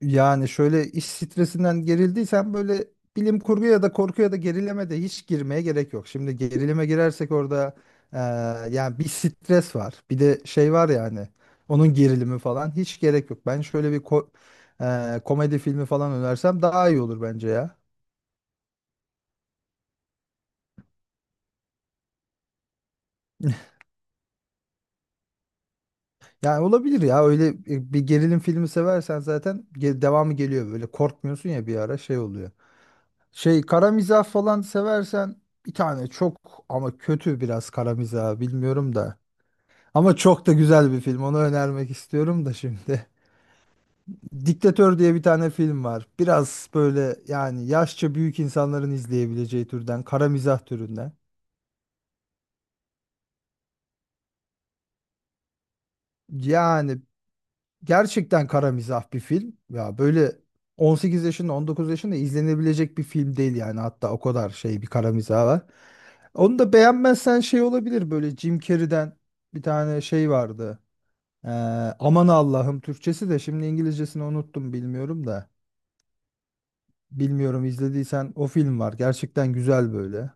Yani şöyle iş stresinden gerildiysen böyle bilim kurgu ya da korku ya da gerileme de hiç girmeye gerek yok. Şimdi gerilime girersek orada eee, yani bir stres var. Bir de şey var yani onun gerilimi falan hiç gerek yok. Ben şöyle bir komedi filmi falan önersem daha iyi olur bence ya. Yani olabilir ya öyle bir gerilim filmi seversen zaten devamı geliyor böyle korkmuyorsun ya bir ara şey oluyor. Şey kara mizah falan seversen bir tane çok ama kötü biraz kara mizah bilmiyorum da. Ama çok da güzel bir film onu önermek istiyorum da şimdi. Diktatör diye bir tane film var. Biraz böyle yani yaşça büyük insanların izleyebileceği türden kara mizah türünden. Yani gerçekten kara mizah bir film. Ya böyle 18 yaşında 19 yaşında izlenebilecek bir film değil yani hatta o kadar şey bir kara mizah var. Onu da beğenmezsen şey olabilir böyle Jim Carrey'den bir tane şey vardı. Ee, Aman Allah'ım Türkçesi de şimdi İngilizcesini unuttum bilmiyorum da. Bilmiyorum izlediysen o film var. Gerçekten güzel böyle.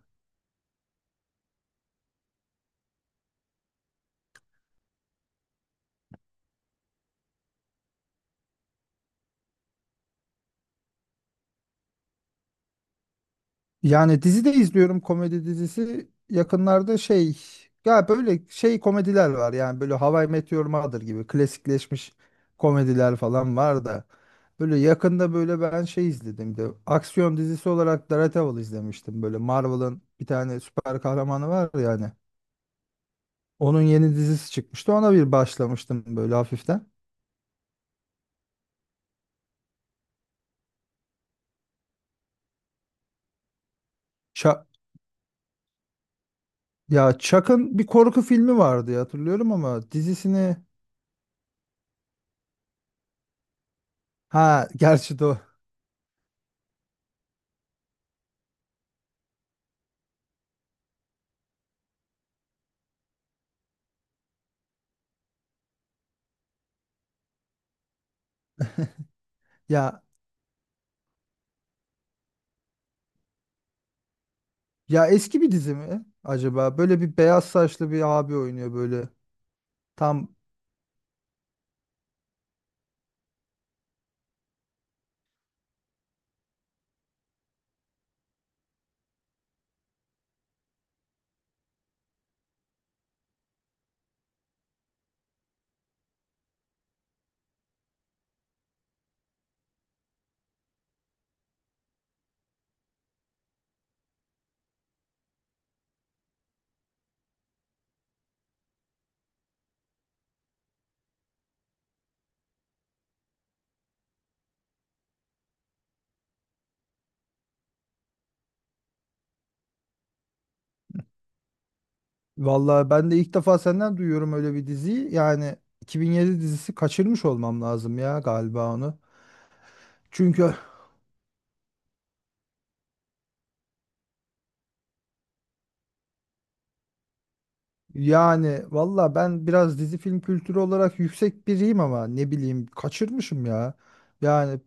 Yani dizi de izliyorum komedi dizisi. Yakınlarda şey ya böyle şey komediler var yani böyle How I Met Your Mother gibi klasikleşmiş komediler falan var da. Böyle yakında böyle ben şey izledim de aksiyon dizisi olarak Daredevil izlemiştim. Böyle Marvel'ın bir tane süper kahramanı var yani. Onun yeni dizisi çıkmıştı. Ona bir başlamıştım böyle hafiften. Ça- ya Chuck'ın bir korku filmi vardı ya, hatırlıyorum ama dizisini ha gerçi de o. Ya Ya eski bir dizi mi acaba? Böyle bir beyaz saçlı bir abi oynuyor böyle. Tam vallahi ben de ilk defa senden duyuyorum öyle bir diziyi. Yani 2007 dizisi kaçırmış olmam lazım ya galiba onu. Çünkü yani valla ben biraz dizi film kültürü olarak yüksek biriyim ama ne bileyim kaçırmışım ya. Yani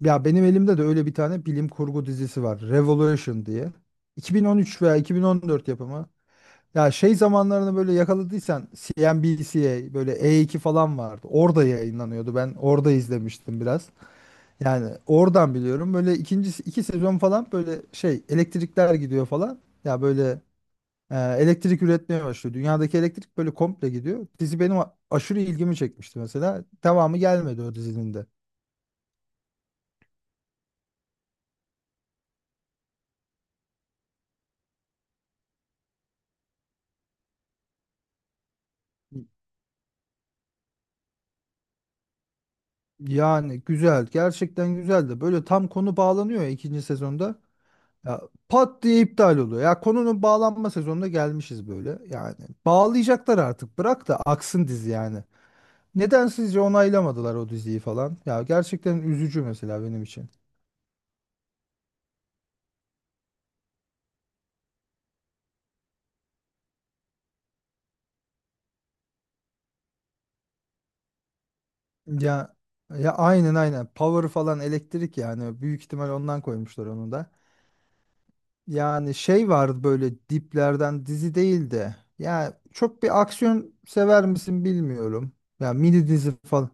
ya benim elimde de öyle bir tane bilim kurgu dizisi var. Revolution diye. 2013 veya 2014 yapımı. Ya şey zamanlarını böyle yakaladıysan CNBC'ye böyle E2 falan vardı. Orada yayınlanıyordu. Ben orada izlemiştim biraz. Yani oradan biliyorum. Böyle ikinci iki sezon falan böyle şey elektrikler gidiyor falan. Ya böyle elektrik üretmeye başlıyor. Dünyadaki elektrik böyle komple gidiyor. Dizi benim aşırı ilgimi çekmişti mesela. Devamı gelmedi o dizinin de. Yani güzel. Gerçekten güzeldi. Böyle tam konu bağlanıyor ya ikinci sezonda. Ya, pat diye iptal oluyor. Ya konunun bağlanma sezonuna gelmişiz böyle. Yani bağlayacaklar artık. Bırak da aksın dizi yani. Neden sizce onaylamadılar o diziyi falan? Ya gerçekten üzücü mesela benim için. Ya ya aynen aynen. Power falan elektrik yani. Büyük ihtimal ondan koymuşlar onu da. Yani şey vardı böyle diplerden dizi değildi. Ya çok bir aksiyon sever misin bilmiyorum. Ya mini dizi falan.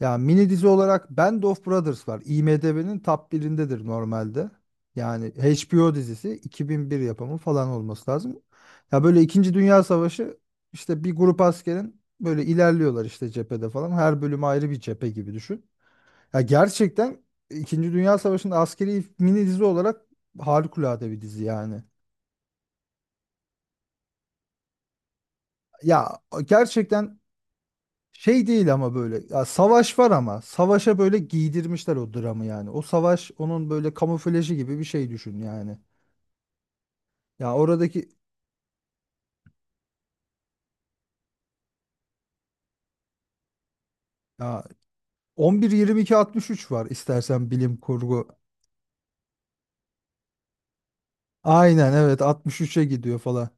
Ya mini dizi olarak Band of Brothers var. IMDb'nin top birindedir normalde. Yani HBO dizisi 2001 yapımı falan olması lazım. Ya böyle İkinci Dünya Savaşı işte bir grup askerin böyle ilerliyorlar işte cephede falan. Her bölüm ayrı bir cephe gibi düşün. Ya gerçekten İkinci Dünya Savaşı'nda askeri mini dizi olarak harikulade bir dizi yani. Ya gerçekten şey değil ama böyle ya savaş var ama savaşa böyle giydirmişler o dramı yani. O savaş onun böyle kamuflajı gibi bir şey düşün yani. Ya oradaki ya 11-22-63 var istersen bilim kurgu. Aynen evet 63'e gidiyor falan.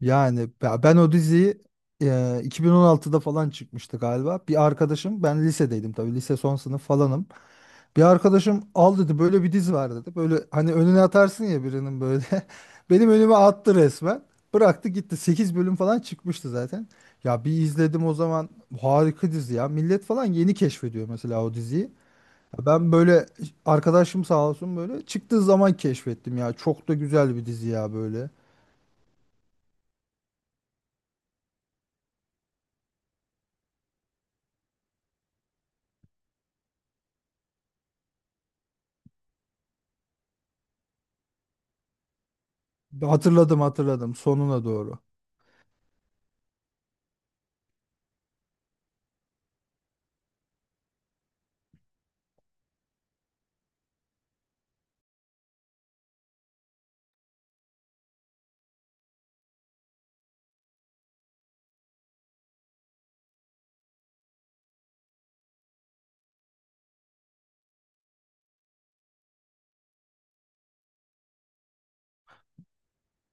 Yani ya ben o diziyi 2016'da falan çıkmıştı galiba. Bir arkadaşım ben lisedeydim tabii lise son sınıf falanım. Bir arkadaşım al dedi böyle bir diz var dedi. Böyle hani önüne atarsın ya birinin böyle. Benim önüme attı resmen. Bıraktı gitti. Sekiz bölüm falan çıkmıştı zaten. Ya bir izledim o zaman harika dizi ya. Millet falan yeni keşfediyor mesela o diziyi. Ya ben böyle arkadaşım sağ olsun böyle çıktığı zaman keşfettim ya. Çok da güzel bir dizi ya böyle. Hatırladım hatırladım sonuna doğru.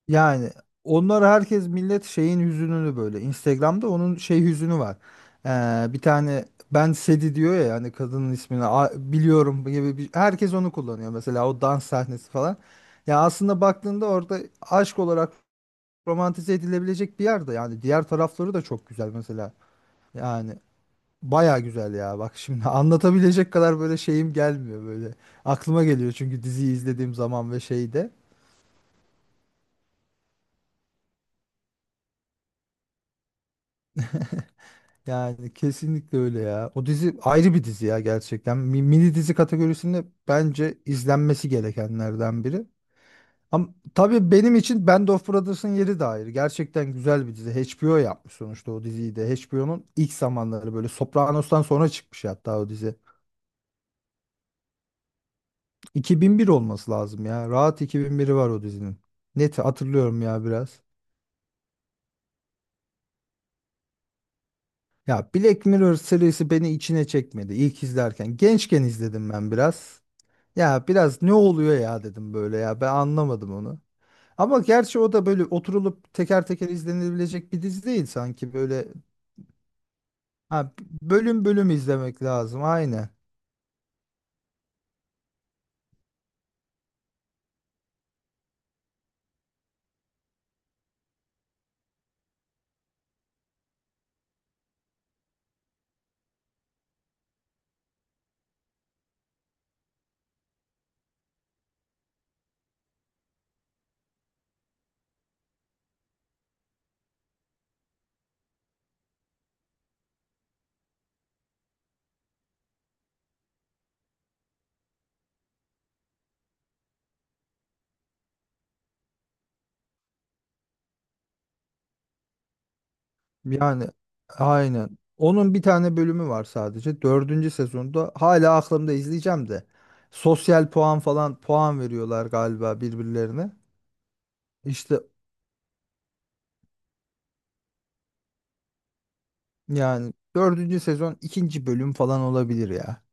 Yani onlar herkes millet şeyin hüzününü böyle. Instagram'da onun şey hüzünü var. Bir tane ben Sedi diyor ya hani kadının ismini biliyorum gibi bir, herkes onu kullanıyor mesela o dans sahnesi falan. Ya aslında baktığında orada aşk olarak romantize edilebilecek bir yerde yani diğer tarafları da çok güzel mesela. Yani baya güzel ya bak şimdi anlatabilecek kadar böyle şeyim gelmiyor böyle. Aklıma geliyor çünkü diziyi izlediğim zaman ve şeyde. Yani kesinlikle öyle ya. O dizi ayrı bir dizi ya gerçekten. Mini dizi kategorisinde bence izlenmesi gerekenlerden biri. Ama tabii benim için Band of Brothers'ın yeri de ayrı. Gerçekten güzel bir dizi. HBO yapmış sonuçta o diziyi de. HBO'nun ilk zamanları böyle Sopranos'tan sonra çıkmış hatta o dizi. 2001 olması lazım ya. Rahat 2001'i var o dizinin. Net hatırlıyorum ya biraz. Ya Black Mirror serisi beni içine çekmedi ilk izlerken. Gençken izledim ben biraz. Ya biraz ne oluyor ya dedim böyle ya ben anlamadım onu. Ama gerçi o da böyle oturulup teker teker izlenebilecek bir dizi değil sanki böyle ha, bölüm bölüm izlemek lazım aynen. Yani aynen. Onun bir tane bölümü var sadece. Dördüncü sezonda hala aklımda izleyeceğim de. Sosyal puan falan puan veriyorlar galiba birbirlerine. İşte yani dördüncü sezon ikinci bölüm falan olabilir ya.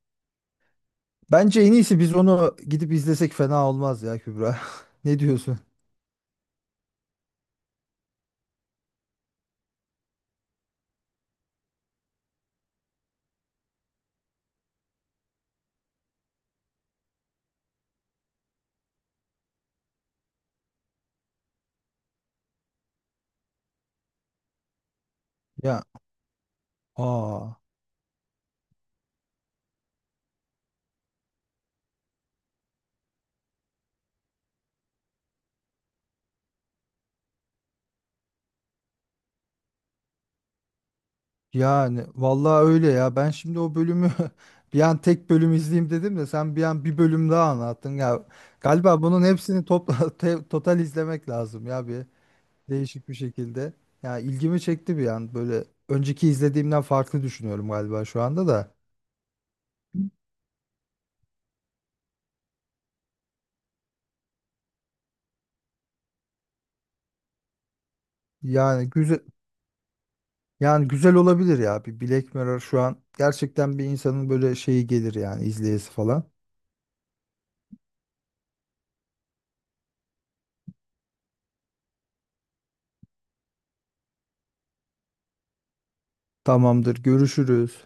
Bence en iyisi biz onu gidip izlesek fena olmaz ya Kübra. Ne diyorsun? Ya aa yani vallahi öyle ya. Ben şimdi o bölümü bir an tek bölüm izleyeyim dedim de sen bir an bir bölüm daha anlattın ya. Galiba bunun hepsini topla total izlemek lazım ya bir değişik bir şekilde. Ya ilgimi çekti bir an böyle önceki izlediğimden farklı düşünüyorum galiba şu anda da. Yani güzel yani güzel olabilir ya bir Black Mirror şu an gerçekten bir insanın böyle şeyi gelir yani izleyesi falan. Tamamdır. Görüşürüz.